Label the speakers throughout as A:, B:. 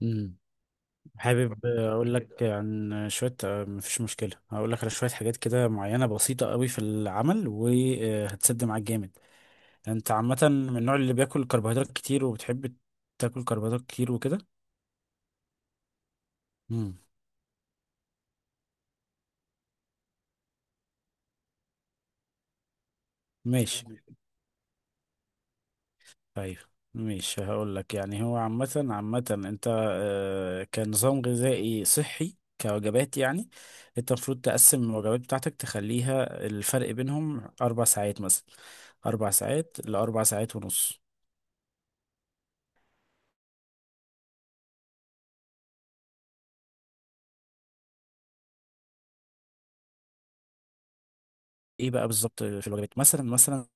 A: مم. حابب اقول لك عن شويه، مفيش مشكله، هقول لك على شويه حاجات كده معينه بسيطه قوي في العمل وهتسد معاك جامد. انت عامه من النوع اللي بياكل كربوهيدرات كتير وبتحب تاكل كربوهيدرات كتير وكده. امم ماشي، طيب، ماشي. هقول لك، يعني هو عامه عامه انت كنظام غذائي صحي كوجبات يعني، انت المفروض تقسم الوجبات بتاعتك تخليها الفرق بينهم 4 ساعات مثلا، 4 ساعات لـ4 ساعات ونص. ايه بقى بالظبط في الوجبات؟ مثلا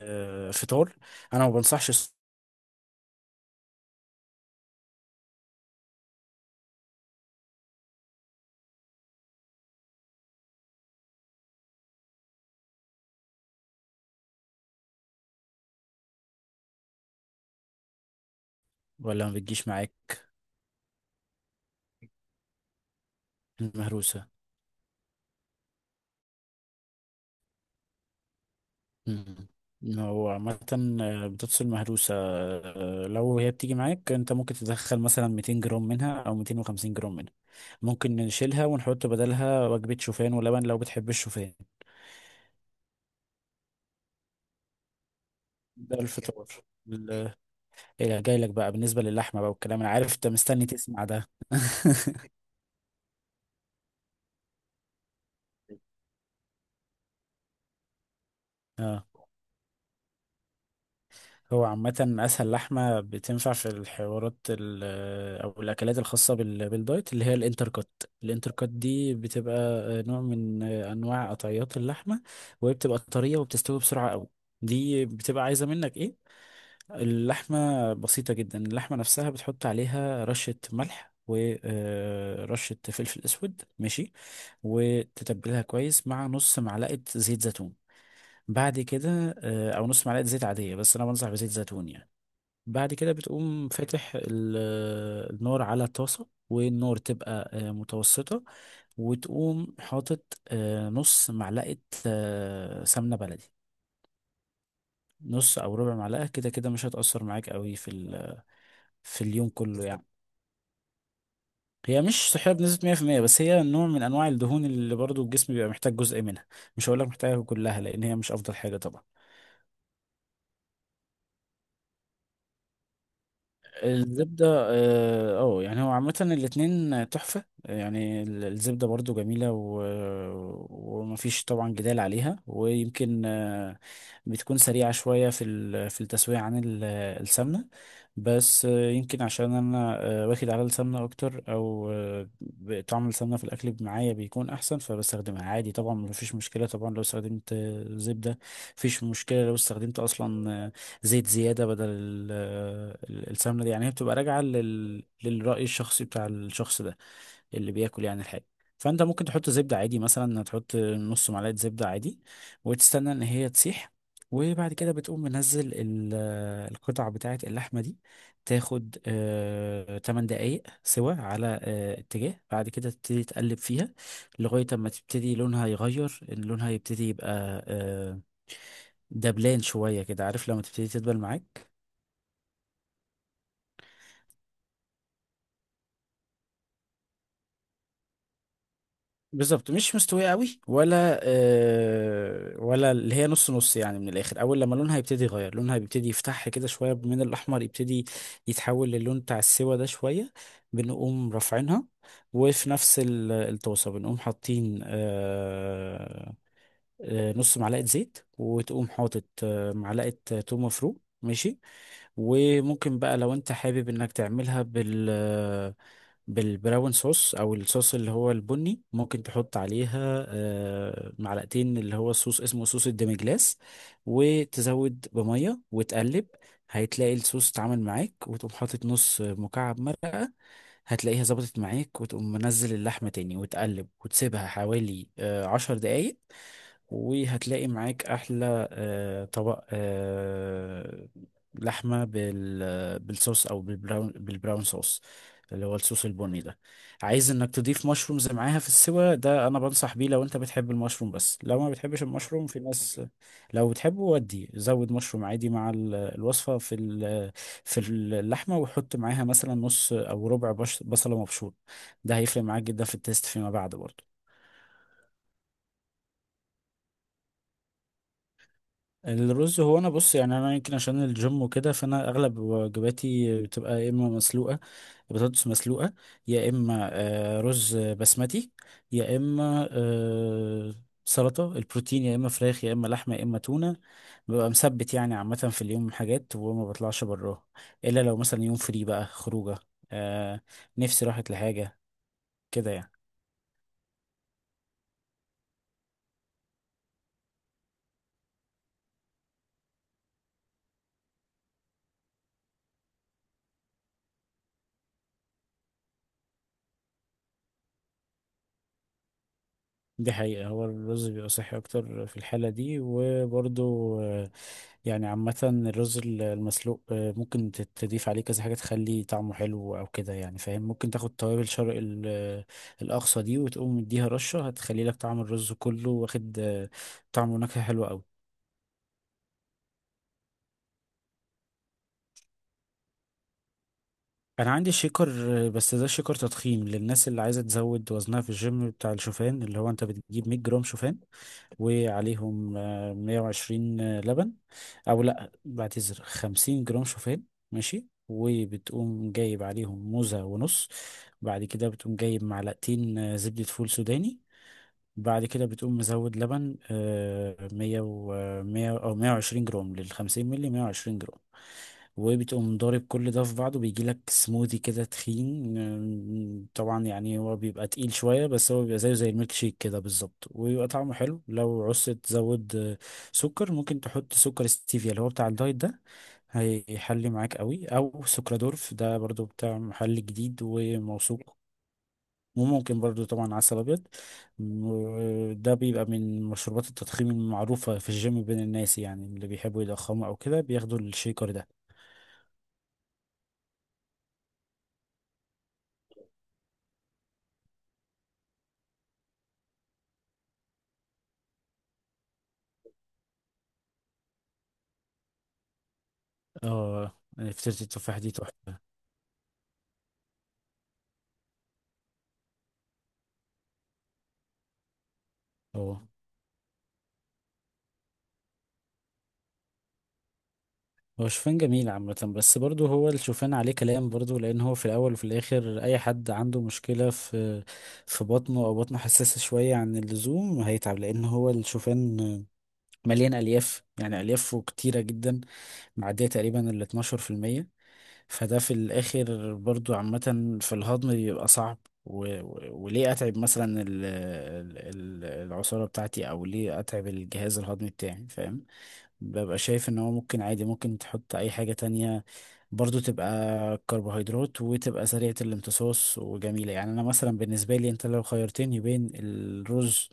A: فطار، انا ما بنصحش ولا ما بتجيش معاك المهروسه. مم. إن هو عامة بتفصل مهروسة، لو هي بتيجي معاك انت، ممكن تدخل مثلا 200 جرام منها او 250 جرام منها. ممكن نشيلها ونحط بدلها وجبة شوفان ولبن لو بتحب الشوفان. ده الفطار. ال- إيه، جاي لك بقى بالنسبة للحمة بقى والكلام، انا عارف انت مستني تسمع ده اه، هو عامة أسهل لحمة بتنفع في الحوارات أو الأكلات الخاصة بالدايت اللي هي الانتركوت. الانتركوت دي بتبقى نوع من أنواع قطعيات اللحمة، وهي بتبقى طرية وبتستوي بسرعة أوي. دي بتبقى عايزة منك إيه؟ اللحمة بسيطة جدا، اللحمة نفسها بتحط عليها رشة ملح ورشة فلفل أسود، ماشي، وتتبلها كويس مع نص معلقة زيت زيتون. بعد كده او نص معلقه زيت عاديه، بس انا بنصح بزيت زيتون يعني. بعد كده بتقوم فاتح النار على طاسة، والنار تبقى متوسطة، وتقوم حاطط نص معلقة سمنة بلدي. نص أو ربع معلقة كده كده مش هتأثر معاك قوي في في اليوم كله يعني. هي مش صحية بنسبة 100% بس هي نوع من أنواع الدهون اللي برضو الجسم بيبقى محتاج جزء منها. مش هقولك محتاجها كلها، لأن هي مش أفضل حاجة طبعا. الزبدة، اه، يعني هو عامة الاتنين تحفة يعني، الزبدة برضو جميلة، و... ومفيش طبعا جدال عليها. ويمكن بتكون سريعة شوية في ال... في التسوية عن السمنة، بس يمكن عشان أنا واخد على السمنة أكتر، أو طعم السمنة في الأكل معايا بيكون أحسن، فبستخدمها عادي. طبعا مفيش مشكلة طبعا لو استخدمت زبدة. مفيش مشكلة لو استخدمت أصلا زيت زيادة بدل السمنة دي. يعني هي بتبقى راجعة لل... للرأي الشخصي بتاع الشخص ده اللي بياكل يعني الحاجة. فأنت ممكن تحط زبدة عادي، مثلا تحط نص معلقة زبدة عادي، وتستنى إن هي تسيح، وبعد كده بتقوم منزل القطع بتاعة اللحمة دي. تاخد 8 دقايق سوا على اتجاه، بعد كده تبتدي تقلب فيها لغاية ما تبتدي لونها يغير، إن لونها يبتدي يبقى آه دبلان شوية كده، عارف لما تبتدي تدبل معاك. بالظبط، مش مستوية قوي ولا ولا اللي هي نص نص يعني. من الآخر، أول لما لونها يبتدي يغير، لونها بيبتدي يفتح كده شوية من الأحمر، يبتدي يتحول للون بتاع السوا ده شوية. بنقوم رافعينها، وفي نفس الطاسة بنقوم حاطين نص معلقة زيت، وتقوم حاطط معلقة توم مفروم، ماشي. وممكن بقى لو انت حابب انك تعملها بال بالبراون صوص، او الصوص اللي هو البني، ممكن تحط عليها معلقتين اللي هو الصوص، اسمه صوص الديمجلاس، وتزود بمية وتقلب، هتلاقي الصوص اتعمل معاك. وتقوم حاطط نص مكعب مرق، هتلاقيها ظبطت معاك، وتقوم منزل اللحمة تاني وتقلب وتسيبها حوالي 10 دقايق، وهتلاقي معاك احلى طبق لحمه بالصوص، او بالبراون صوص اللي هو الصوص البني ده. عايز انك تضيف مشرومز معاها في السوا ده، انا بنصح بيه لو انت بتحب المشروم، بس لو ما بتحبش المشروم في ناس. لو بتحبه ودي، زود مشروم عادي مع الوصفه في في اللحمه، وحط معاها مثلا نص او ربع بصله مبشور، ده هيفرق معاك جدا في التيست فيما بعد برضه. الرز، هو انا بص يعني، انا يمكن عشان الجيم وكده فانا اغلب وجباتي بتبقى يا اما مسلوقه، بطاطس مسلوقه، يا اما رز بسمتي، يا اما سلطه البروتين، يا اما فراخ، يا اما لحمه، يا اما تونه. ببقى مثبت يعني عامه في اليوم حاجات وما بطلعش براها، الا لو مثلا يوم فري بقى خروجه آه، نفسي راحت لحاجه كده يعني. دي حقيقة، هو الرز بيبقى صحي أكتر في الحالة دي، وبرضه يعني عامة الرز المسلوق ممكن تضيف عليه كذا حاجة تخلي طعمه حلو أو كده يعني، فاهم. ممكن تاخد توابل شرق الأقصى دي، وتقوم مديها رشة، هتخلي لك طعم الرز كله واخد طعم ونكهة حلوة أوي. أنا عندي شيكر بس ده شيكر تضخيم للناس اللي عايزة تزود وزنها في الجيم، بتاع الشوفان، اللي هو أنت بتجيب 100 جرام شوفان وعليهم 120 لبن، او لا بعتذر، 50 جرام شوفان ماشي، وبتقوم جايب عليهم موزة ونص، بعد كده بتقوم جايب معلقتين زبدة فول سوداني، بعد كده بتقوم مزود لبن مية أو 120 جرام، لـ50 ملي 120 جرام، وبتقوم ضارب كل ده في بعضه، بيجي لك سموذي كده تخين. طبعا يعني هو بيبقى تقيل شوية، بس هو بيبقى زيه زي الميلك شيك كده بالظبط، ويبقى طعمه حلو. لو عوزت تزود سكر، ممكن تحط سكر ستيفيا اللي هو بتاع الدايت ده، هيحلي معاك قوي، او سكرادورف ده برضو بتاع محل جديد وموثوق. وممكن برضو طبعا عسل أبيض. ده بيبقى من مشروبات التضخيم المعروفة في الجيم بين الناس، يعني اللي بيحبوا يضخموا أو كده بياخدوا الشيكر ده. اه، يعني فطيرة التفاح دي تحفة. اه، هو شوفان جميل عامة، بس برضه هو الشوفان عليه كلام برضه، لأن هو في الأول وفي الآخر أي حد عنده مشكلة في في بطنه أو بطنه حساسة شوية عن اللزوم هيتعب، لأن هو الشوفان مليان ألياف، يعني أليافه كتيرة جدا، معدية تقريبا ال 12%. فده في الآخر برضو عامة في الهضم بيبقى صعب، و... و... وليه أتعب مثلا العصارة بتاعتي، أو ليه أتعب الجهاز الهضمي بتاعي، فاهم. ببقى شايف ان هو ممكن عادي، ممكن تحط اي حاجة تانية برضو تبقى كربوهيدرات وتبقى سريعة الامتصاص وجميلة. يعني انا مثلا، بالنسبة لي انت لو خيرتني بين الرز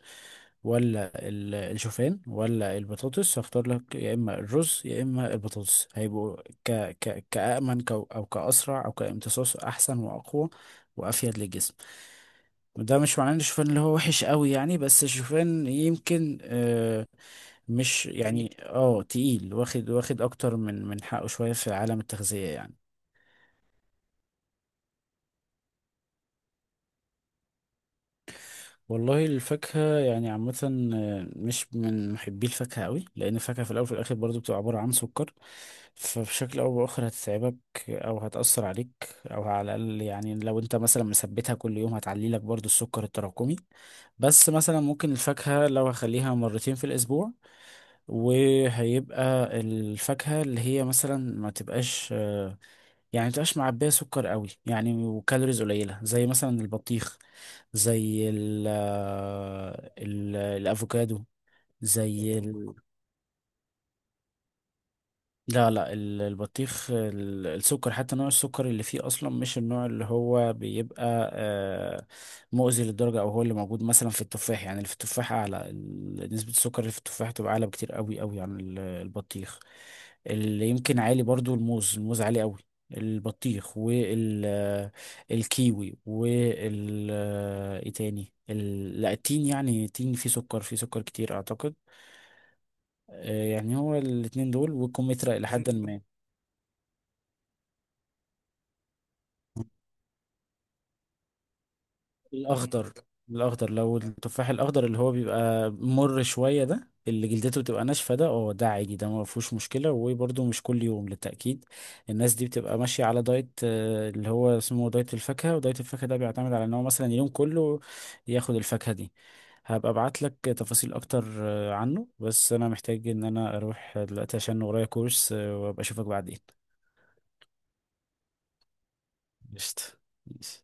A: ولا الشوفان ولا البطاطس، هختار لك يا اما الرز يا اما البطاطس، هيبقوا ك ك كأمن كو- او كأسرع، او كامتصاص احسن واقوى وافيد للجسم. ده مش معناه ان الشوفان اللي هو وحش قوي يعني، بس الشوفان يمكن مش يعني، اه تقيل، واخد واخد اكتر من حقه شوية في عالم التغذية يعني. والله الفاكهة يعني عامة مش من محبي الفاكهة قوي، لأن الفاكهة في الأول وفي الآخر برضو بتبقى عبارة عن سكر، فبشكل أو بآخر هتتعبك أو هتأثر عليك، أو على الأقل يعني لو أنت مثلا مثبتها كل يوم هتعلي لك برضو السكر التراكمي. بس مثلا ممكن الفاكهة لو هخليها مرتين في الأسبوع، وهيبقى الفاكهة اللي هي مثلا ما تبقاش يعني ما تبقاش معبية سكر قوي يعني، وكالوريز قليلة، زي مثلا البطيخ، زي ال الأفوكادو، زي لا البطيخ، السكر حتى نوع السكر اللي فيه اصلا مش النوع اللي هو بيبقى مؤذي للدرجه، او هو اللي موجود مثلا في التفاح يعني، اللي في التفاح اعلى، نسبه السكر اللي في التفاح تبقى اعلى بكتير قوي قوي عن البطيخ. اللي يمكن عالي برضو الموز، الموز عالي قوي. البطيخ والكيوي، وال آه، ايه تاني لا، التين، يعني التين فيه سكر، فيه سكر كتير اعتقد. يعني هو الاتنين دول والكمثرى إلى حد ما. الأخضر، الأخضر، لو التفاح الأخضر اللي هو بيبقى مر شوية ده، اللي جلدته بتبقى ناشفة ده، اه ده عادي، ده ما فيهوش مشكلة، وبرده مش كل يوم للتأكيد. الناس دي بتبقى ماشية على دايت اللي هو اسمه دايت الفاكهة، ودايت الفاكهة ده بيعتمد على ان هو مثلا اليوم كله ياخد الفاكهة دي. هبقى ابعت لك تفاصيل اكتر عنه، بس انا محتاج ان انا اروح دلوقتي عشان ورايا كورس وابقى اشوفك بعدين. قشطة، ماشي.